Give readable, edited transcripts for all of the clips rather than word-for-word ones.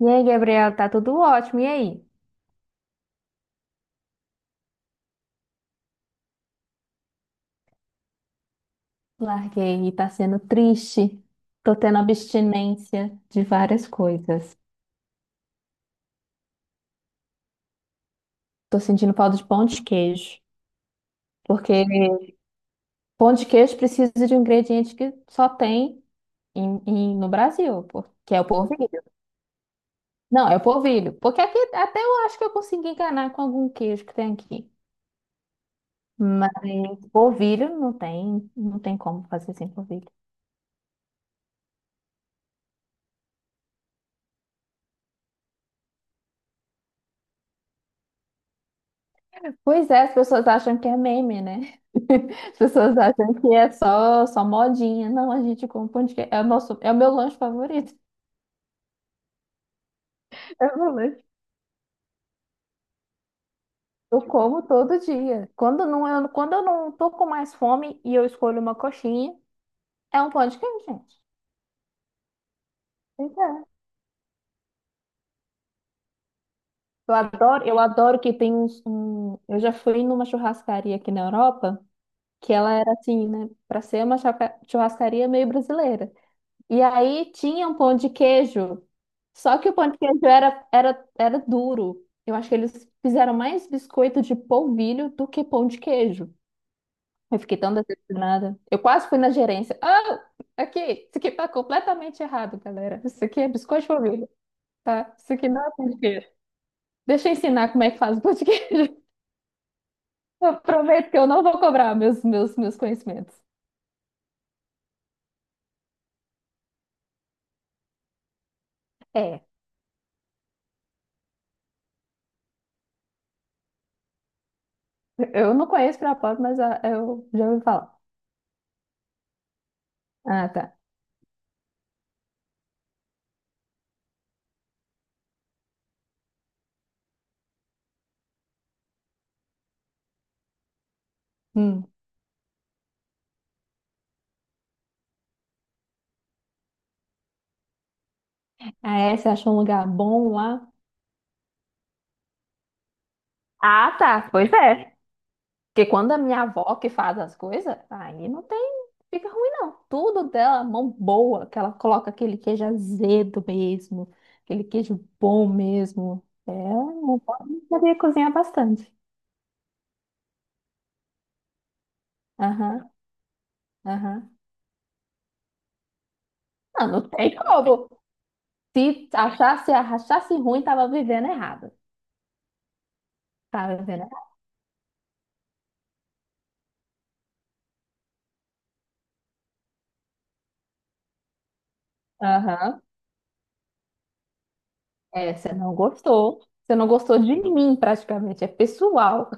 E aí, Gabriel, tá tudo ótimo. E aí? Larguei e tá sendo triste. Tô tendo abstinência de várias coisas. Tô sentindo falta de pão de queijo, porque pão de queijo precisa de um ingrediente que só tem no Brasil, que é o polvilho. Não, é o polvilho, porque aqui até eu acho que eu consegui enganar com algum queijo que tem aqui. Mas polvilho não tem, não tem como fazer sem polvilho. Pois é, as pessoas acham que é meme, né? As pessoas acham que é só modinha. Não, a gente come pão de queijo. É o meu lanche favorito. É o meu lanche. Eu como todo dia. Quando não, quando eu não tô com mais fome e eu escolho uma coxinha, é um pão de queijo, gente. Pois é. Eu adoro que tem um... Eu já fui numa churrascaria aqui na Europa, que ela era assim, né? Pra ser uma churrascaria meio brasileira. E aí tinha um pão de queijo. Só que o pão de queijo era duro. Eu acho que eles fizeram mais biscoito de polvilho do que pão de queijo. Eu fiquei tão decepcionada. Eu quase fui na gerência. Ah, aqui, isso aqui tá completamente errado, galera. Isso aqui é biscoito de polvilho, tá? Isso aqui não é pão de queijo. Deixa eu ensinar como é que faz o pão de queijo. Eu prometo que eu não vou cobrar meus conhecimentos. É, eu não conheço Pirapora, mas ah, eu já ouvi falar. Ah, tá. Hum. Ah, é? Você achou um lugar bom lá? Ah, tá. Pois é. Porque quando a minha avó que faz as coisas, aí não tem, fica ruim não. Tudo dela, mão boa, que ela coloca aquele queijo azedo mesmo, aquele queijo bom mesmo. É, não pode saber cozinhar bastante. Aham, aham. Não, não tem como. Se achasse, achasse ruim, tava vivendo errado. Tava vivendo errado. Aham. É, você não gostou. Você não gostou de mim, praticamente. É pessoal.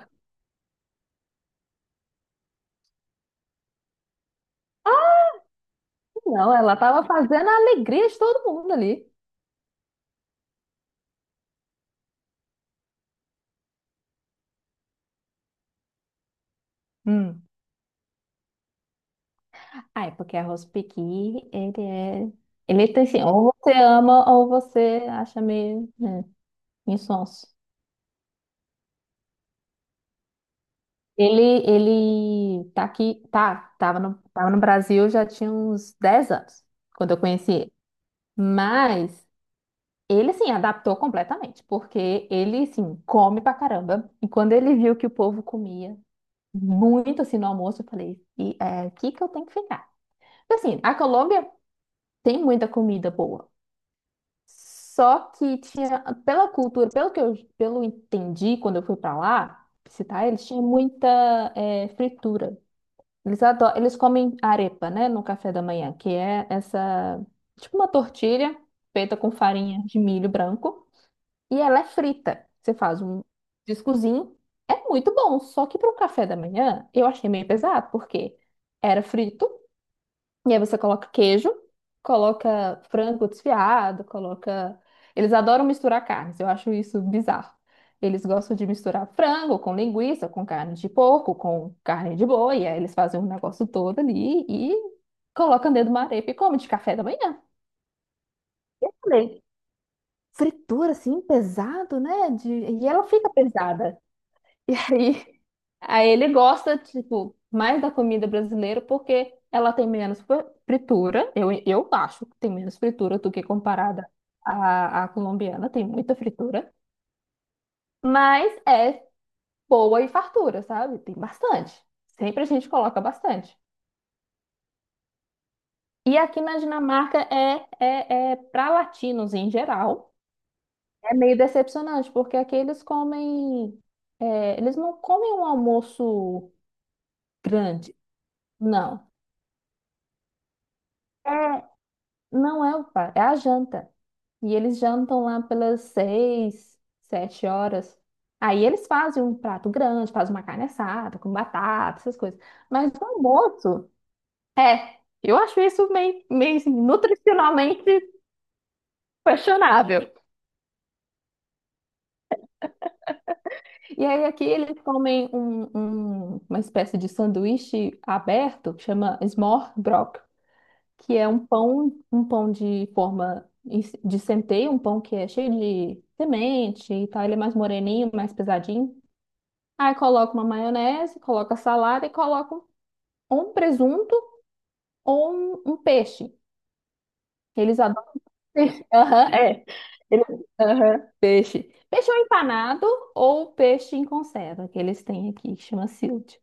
Não, ela tava fazendo a alegria de todo mundo ali. Hum. Ah, é porque arroz pequi, ele é. Ele tem assim, ou você ama ou você acha meio, né, insonso. Ele tá aqui, tava no Brasil já tinha uns 10 anos, quando eu conheci ele. Mas ele, assim, adaptou completamente, porque ele, assim, come pra caramba. E quando ele viu que o povo comia muito, assim, no almoço, eu falei, e é aqui que eu tenho que ficar. Assim, a Colômbia tem muita comida boa. Só que tinha, pela cultura, pelo que eu, pelo eu entendi quando eu fui pra lá visitar eles, tinha muita fritura. Eles adoram, eles comem arepa, né, no café da manhã, que é essa, tipo uma tortilha feita com farinha de milho branco e ela é frita. Você faz um discozinho, é muito bom, só que para um café da manhã eu achei meio pesado, porque era frito e aí você coloca queijo, coloca frango desfiado, coloca. Eles adoram misturar carnes, eu acho isso bizarro. Eles gostam de misturar frango com linguiça, com carne de porco, com carne de boi, e aí eles fazem um negócio todo ali e colocam dentro de uma arepa e comem de café da manhã. E eu falei, fritura assim, pesado, né? De... E ela fica pesada. E aí, aí ele gosta, tipo, mais da comida brasileira porque ela tem menos fritura. Eu acho que tem menos fritura do que comparada à colombiana. Tem muita fritura. Mas é boa e fartura, sabe? Tem bastante. Sempre a gente coloca bastante. E aqui na Dinamarca é para latinos em geral. É meio decepcionante, porque aqui eles comem. É, eles não comem um almoço grande, não. É. Não é o par, é a janta. E eles jantam lá pelas 6, 7 horas. Aí eles fazem um prato grande, fazem uma carne assada, com batata, essas coisas. Mas o almoço, é, eu acho isso meio assim, nutricionalmente questionável. E aí aqui eles comem uma espécie de sanduíche aberto, que chama smørrebrød. Que é um pão de forma de centeio, um pão que é cheio de semente e tal. Ele é mais moreninho, mais pesadinho. Aí coloca uma maionese, coloca salada e coloca ou um presunto ou um peixe. Eles adoram peixe. Aham, é. Aham, peixe. Peixe ou empanado ou peixe em conserva, que eles têm aqui, que chama silt.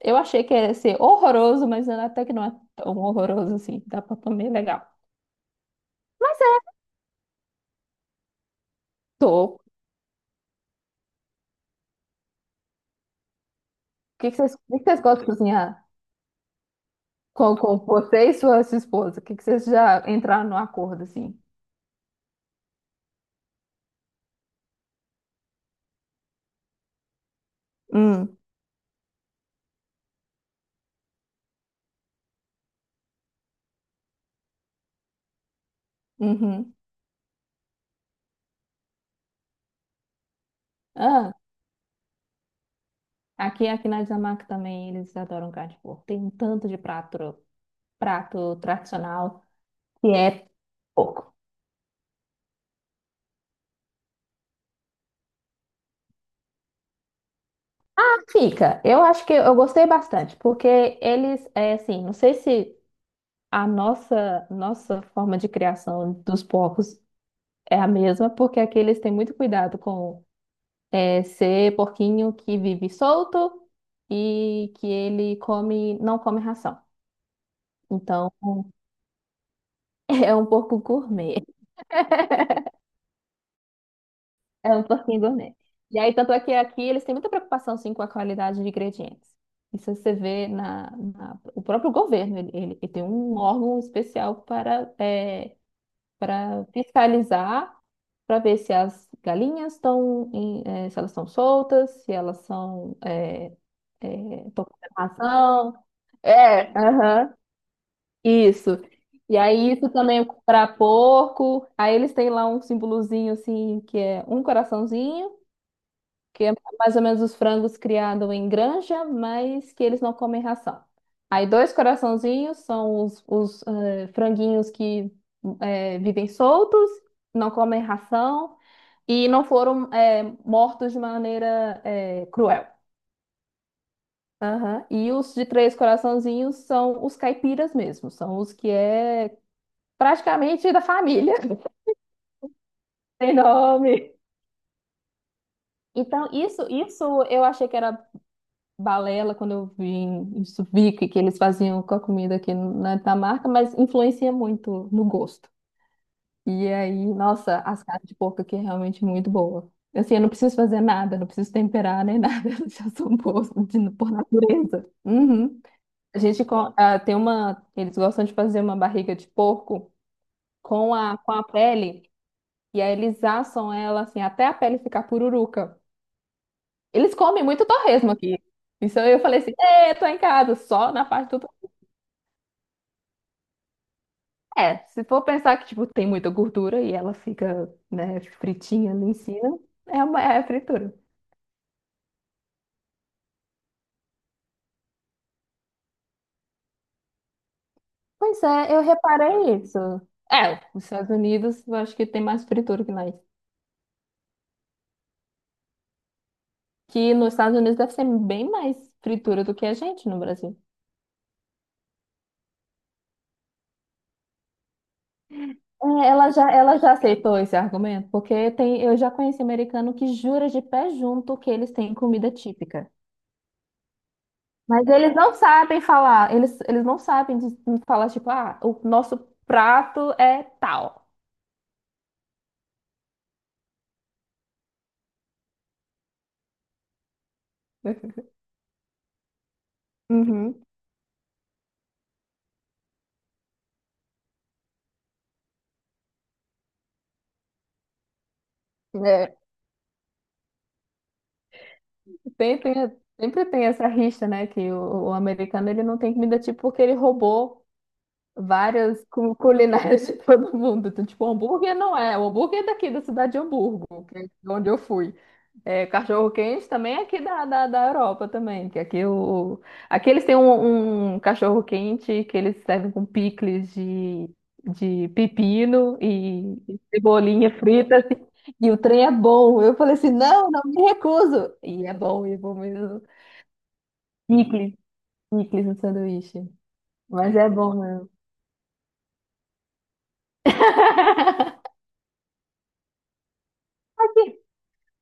Eu achei que ia ser horroroso, mas até que não é tão horroroso assim. Dá pra comer legal. Tô. O que que vocês gostam de cozinhar? Com você e sua esposa? O que que vocês já entraram no acordo, assim? Hum, uhum. Ah, aqui na Dinamarca também eles adoram carne de porco. Tem um tanto de prato tradicional que é porco. Fica. Eu acho que eu gostei bastante, porque eles, é assim, não sei se nossa forma de criação dos porcos é a mesma, porque aqui eles têm muito cuidado com. É ser porquinho que vive solto e que ele come, não come ração. Então, é um porco gourmet. É um porquinho gourmet. E aí, tanto é que aqui eles têm muita preocupação, sim, com a qualidade de ingredientes. Isso você vê o próprio governo, ele tem um órgão especial para, é, para fiscalizar, para ver se as galinhas estão, se elas estão soltas, se elas são, estão com ração. É, aham, isso. E aí, isso também é para porco. Aí, eles têm lá um símbolozinho assim, que é um coraçãozinho, que é mais ou menos os frangos criados em granja, mas que eles não comem ração. Aí, dois coraçãozinhos são franguinhos que vivem soltos, não comem ração e não foram mortos de maneira cruel. Aham. E os de três coraçãozinhos são os caipiras mesmo, são os que é praticamente da família, tem nome. Então, isso eu achei que era balela quando eu vim, isso vi que eles faziam com a comida aqui na Dinamarca, mas influencia muito no gosto. E aí, nossa, as carnes de porco aqui é realmente muito boa. Assim, eu não preciso fazer nada, não preciso temperar nem nada, elas já são boas de, por natureza. Uhum. Ah, tem uma. Eles gostam de fazer uma barriga de porco com a pele. E aí eles assam ela assim até a pele ficar pururuca. Eles comem muito torresmo aqui. Isso eu falei assim, é, tô em casa, só na parte do. É, se for pensar que, tipo, tem muita gordura e ela fica, né, fritinha ali em cima, é uma é fritura. Pois é, eu reparei isso. É, os Estados Unidos, eu acho que tem mais fritura que nós. Que nos Estados Unidos deve ser bem mais fritura do que a gente no Brasil. É, ela já aceitou esse argumento, porque tem, eu já conheci americano que jura de pé junto que eles têm comida típica. Mas eles não sabem falar, eles não sabem de falar, tipo, ah, o nosso prato é tal. Uhum. É, sempre tem essa rixa, né? Que o americano ele não tem comida típica porque ele roubou várias culinárias de todo mundo. Então, tipo, hambúrguer não é. O hambúrguer é daqui da cidade de Hamburgo, que é de onde eu fui. É, cachorro-quente também é aqui da Europa também, que aqui, o, aqui eles têm um cachorro-quente que eles servem com picles de pepino e cebolinha frita, assim, e o trem é bom. Eu falei assim, não, não me recuso. E é bom mesmo. Picles, picles no sanduíche. Mas é bom mesmo.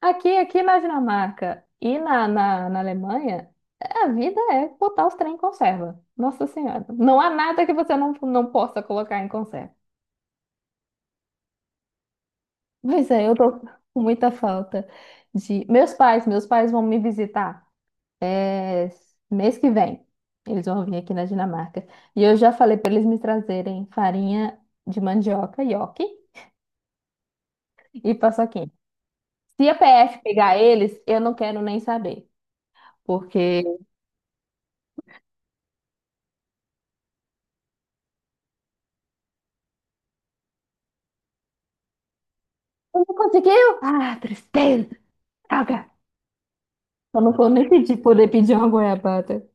Aqui, aqui na Dinamarca e na Alemanha, a vida é botar os trem em conserva. Nossa Senhora. Não há nada que você não possa colocar em conserva. Pois é, eu tô com muita falta de. Meus pais vão me visitar é, mês que vem. Eles vão vir aqui na Dinamarca. E eu já falei para eles me trazerem farinha de mandioca, nhoque e paçoquinha. Se a PF pegar eles, eu não quero nem saber. Porque. Não conseguiu? Ah, tristeza. Droga. Eu não vou nem pedir, poder pedir uma goiabada.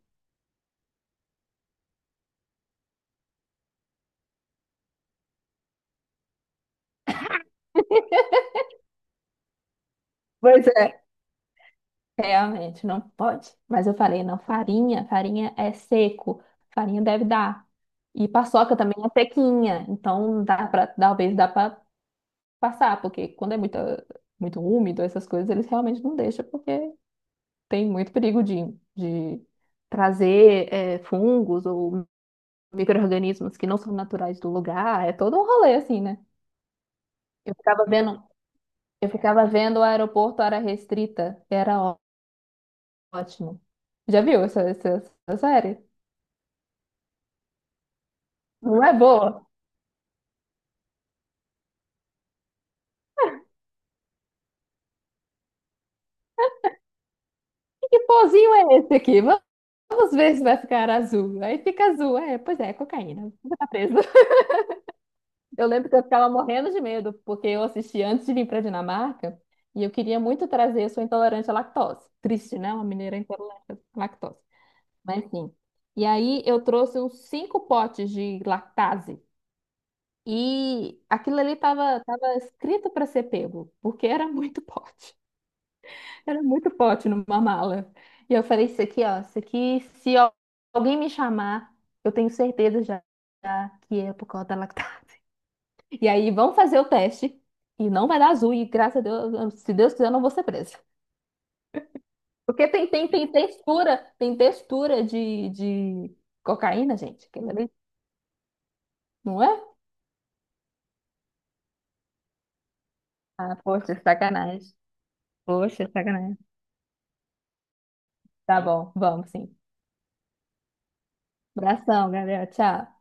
Pois é. Realmente, não pode. Mas eu falei, não, farinha é seco. Farinha deve dar. E paçoca também é sequinha. Então, dá pra, talvez dá pra passar, porque quando é muito, muito úmido, essas coisas, eles realmente não deixam, porque tem muito perigo de trazer fungos ou micro-organismos que não são naturais do lugar. É todo um rolê, assim, né? Eu ficava vendo. Eu ficava vendo o aeroporto área restrita, era ótimo. Já viu essa série? Não é boa? Que pozinho é esse aqui? Vamos ver se vai ficar azul. Aí fica azul. É, pois é, cocaína. Você tá preso. Eu lembro que eu ficava morrendo de medo, porque eu assisti antes de vir para Dinamarca e eu queria muito trazer. Eu sou intolerante à lactose. Triste, né? Uma mineira intolerante à lactose. Mas sim. E aí eu trouxe uns 5 potes de lactase. E aquilo ali estava, tava tava escrito para ser pego, porque era muito pote. Era muito pote numa mala. E eu falei, isso aqui, ó, isso aqui, se alguém me chamar, eu tenho certeza já que é por causa da lactase. E aí, vamos fazer o teste. E não vai dar azul, e graças a Deus, se Deus quiser, eu não vou ser presa. Porque tem textura de cocaína, gente. Aquilo ali. Não é? Ah, poxa, sacanagem. Poxa, sacanagem. Tá bom, vamos sim. Abração, Gabriel. Tchau.